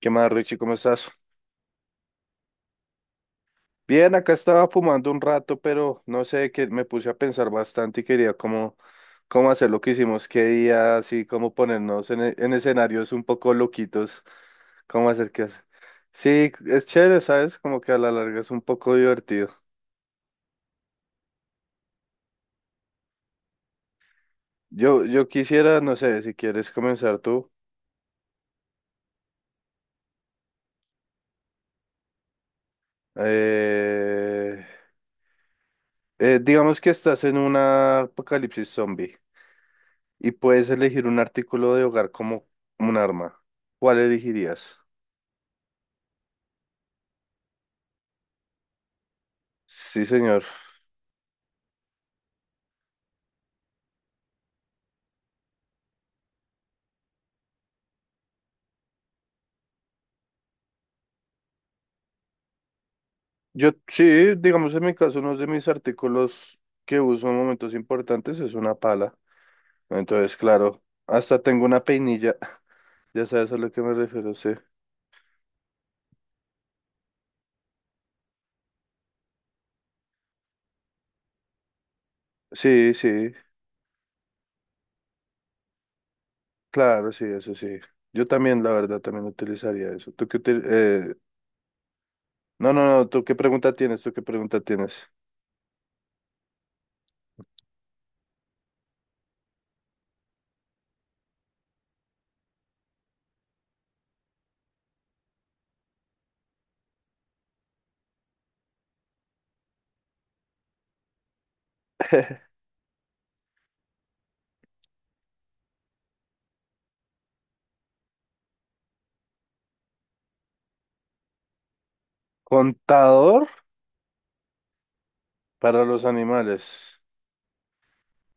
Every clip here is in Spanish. ¿Qué más, Richie? ¿Cómo estás? Bien, acá estaba fumando un rato, pero no sé, que me puse a pensar bastante y quería cómo, cómo hacer lo que hicimos, qué día, así como ponernos en, en escenarios un poco loquitos, cómo hacer qué hacer. Sí, es chévere, ¿sabes? Como que a la larga es un poco divertido. Yo quisiera, no sé, si quieres comenzar tú. Eh, digamos que estás en una apocalipsis zombie. Y puedes elegir un artículo de hogar como un arma. ¿Cuál elegirías? Sí, señor. Yo sí, digamos en mi caso, uno de mis artículos que uso en momentos importantes es una pala. Entonces, claro, hasta tengo una peinilla. Ya sabes a lo que me refiero, sí. Sí, sí, claro, sí, eso sí. Yo también, la verdad, también utilizaría eso. ¿Tú qué util-? No, no, no, ¿tú qué pregunta tienes? ¿Tú qué pregunta tienes? Contador para los animales.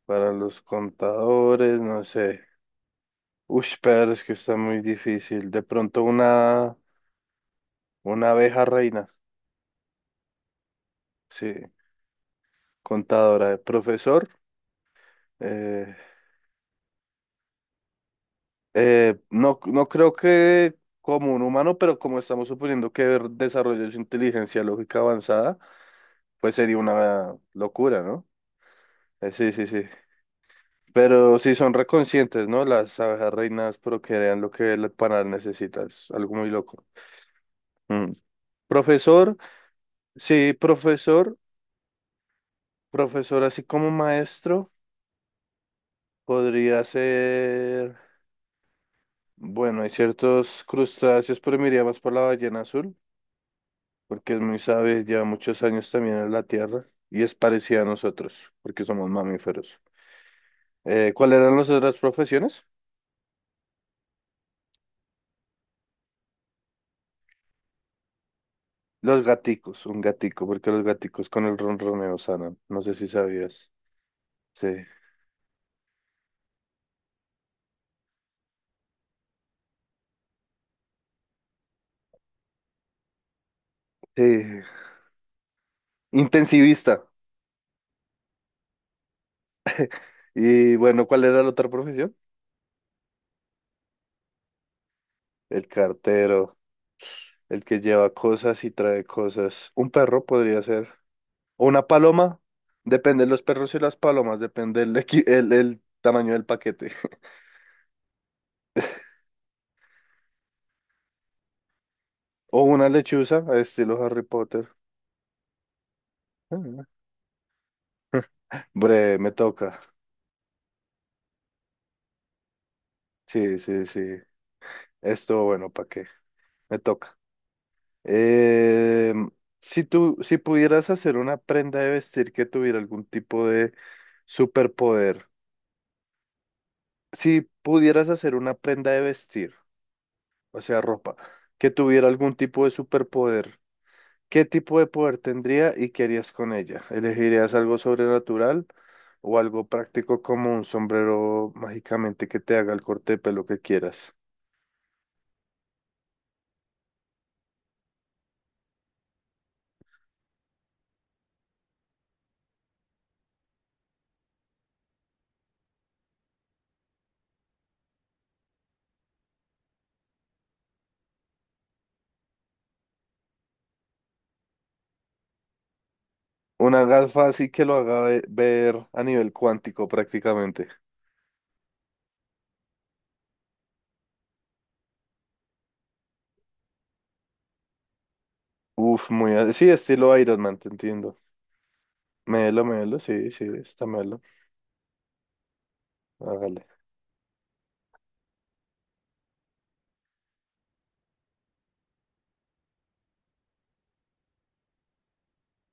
Para los contadores, no sé. Uy, pero es que está muy difícil. De pronto una abeja reina, sí, contadora, profesor. eh, no, no creo que como un humano, pero como estamos suponiendo que desarrolló su inteligencia lógica avanzada, pues sería una locura, ¿no? Sí, sí, sí. Pero sí son reconscientes, ¿no? Las abejas reinas procrean lo que el panal necesita. Es algo muy loco. Mm. Profesor. Sí, profesor, profesor así como maestro, podría ser, bueno, hay ciertos crustáceos, pero me iría más por la ballena azul, porque es muy sabia, lleva muchos años también en la Tierra y es parecida a nosotros, porque somos mamíferos. ¿Cuáles eran las otras profesiones? Los gaticos, un gatico, porque los gaticos con el ronroneo sanan, no sé si sabías. Sí. Sí. Intensivista. Y bueno, ¿cuál era la otra profesión? El cartero. El que lleva cosas y trae cosas. Un perro podría ser. O una paloma. Depende de los perros y las palomas. Depende el, el tamaño del paquete. O una lechuza, estilo Harry Potter. Ah. Bre, me toca. Sí, sí, sí. Esto, bueno, ¿para qué? Me toca. Eh, si tú, si pudieras hacer una prenda de vestir que tuviera algún tipo de superpoder. Si pudieras hacer una prenda de vestir. O sea, ropa. Que tuviera algún tipo de superpoder. ¿Qué tipo de poder tendría y qué harías con ella? ¿Elegirías algo sobrenatural o algo práctico como un sombrero mágicamente que te haga el corte de pelo que quieras? Una gafa así que lo haga ver a nivel cuántico prácticamente. Uf, muy... a- Sí, estilo Iron Man, te entiendo. Melo, melo, sí, sí, está melo. Hágale.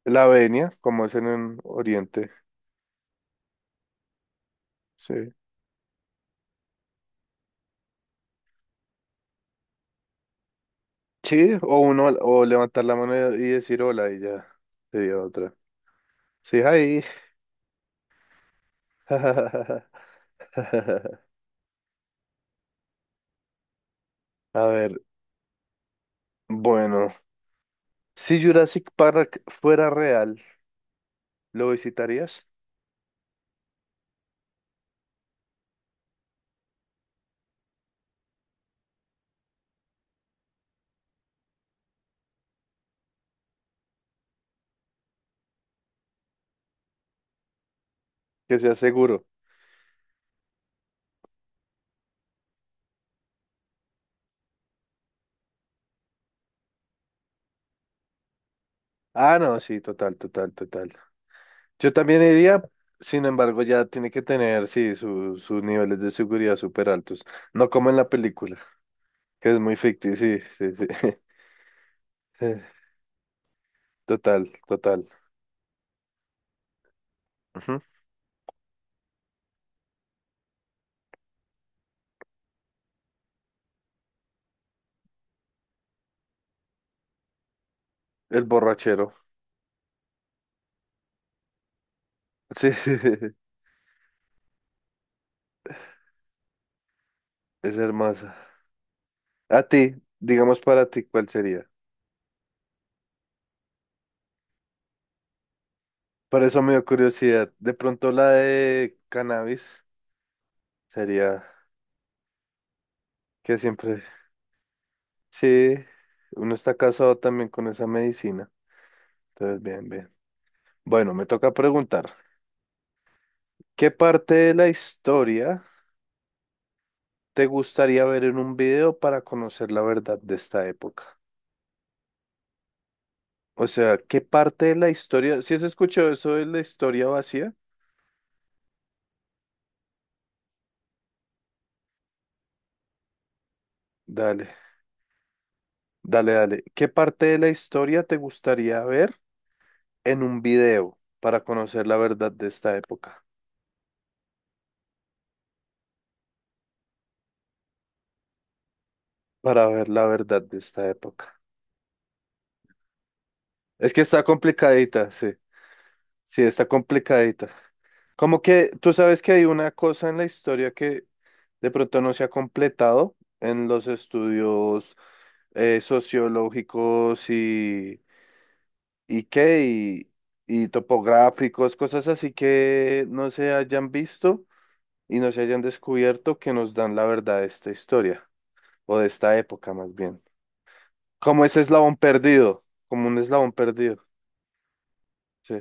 La venia, como es en el Oriente. Sí. Sí, o uno, o levantar la mano y decir hola y ya sería otra. Sí, ahí. A ver, bueno, si Jurassic Park fuera real, ¿lo visitarías? Que sea seguro. Ah, no, sí, total, total, total. Yo también iría, sin embargo, ya tiene que tener, sí, sus niveles de seguridad súper altos. No como en la película, que es muy ficticio, sí, sí, sí. Eh, total, total. Ujú. El borrachero. Sí, es hermoso. A ti, digamos para ti, ¿cuál sería? Por eso me dio curiosidad. De pronto la de cannabis sería que siempre, sí, uno está casado también con esa medicina. Entonces, bien, bien. Bueno, me toca preguntar, ¿qué parte de la historia te gustaría ver en un video para conocer la verdad de esta época? O sea, ¿qué parte de la historia, si has escuchado eso de la historia vacía? Dale, dale, dale. ¿Qué parte de la historia te gustaría ver en un video para conocer la verdad de esta época, para ver la verdad de esta época? Es que está complicadita, sí, sí, está complicadita. Como que tú sabes que hay una cosa en la historia que de pronto no se ha completado en los estudios sociológicos y qué, y topográficos, cosas así que no se hayan visto y no se hayan descubierto que nos dan la verdad de esta historia, o de esta época más bien. Como ese eslabón perdido, como un eslabón perdido. Sí,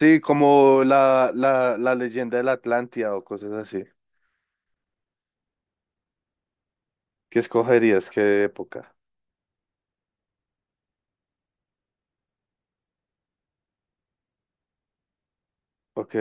sí, como la leyenda de la Atlántida o cosas así. ¿Qué escogerías? ¿Qué época? Ok.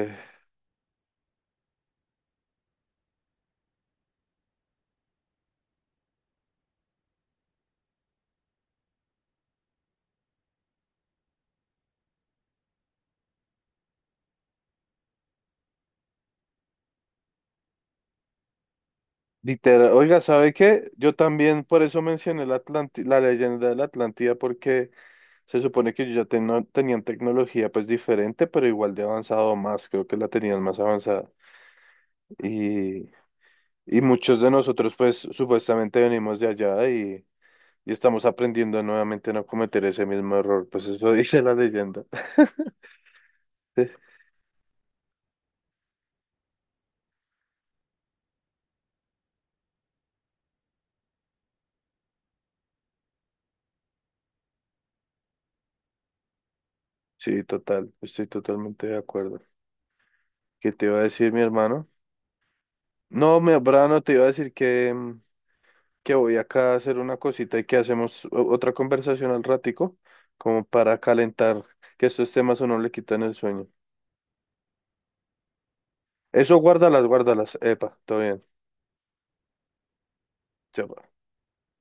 Literal. Oiga, ¿sabe qué? Yo también por eso mencioné la la leyenda de la Atlántida, porque se supone que ellos ya tenían tecnología pues diferente, pero igual de avanzado más, creo que la tenían más avanzada. Y, y muchos de nosotros pues supuestamente venimos de allá y estamos aprendiendo nuevamente a no cometer ese mismo error. Pues eso dice la leyenda. Sí, total, estoy totalmente de acuerdo. ¿Qué te iba a decir, mi hermano? No, mi hermano, te iba a decir que, mm, que voy acá a hacer una cosita y que hacemos otra conversación al ratico, como para calentar, que estos temas o no le quitan el sueño. Eso, guárdalas, guárdalas. Epa, todo bien. Chao, pues.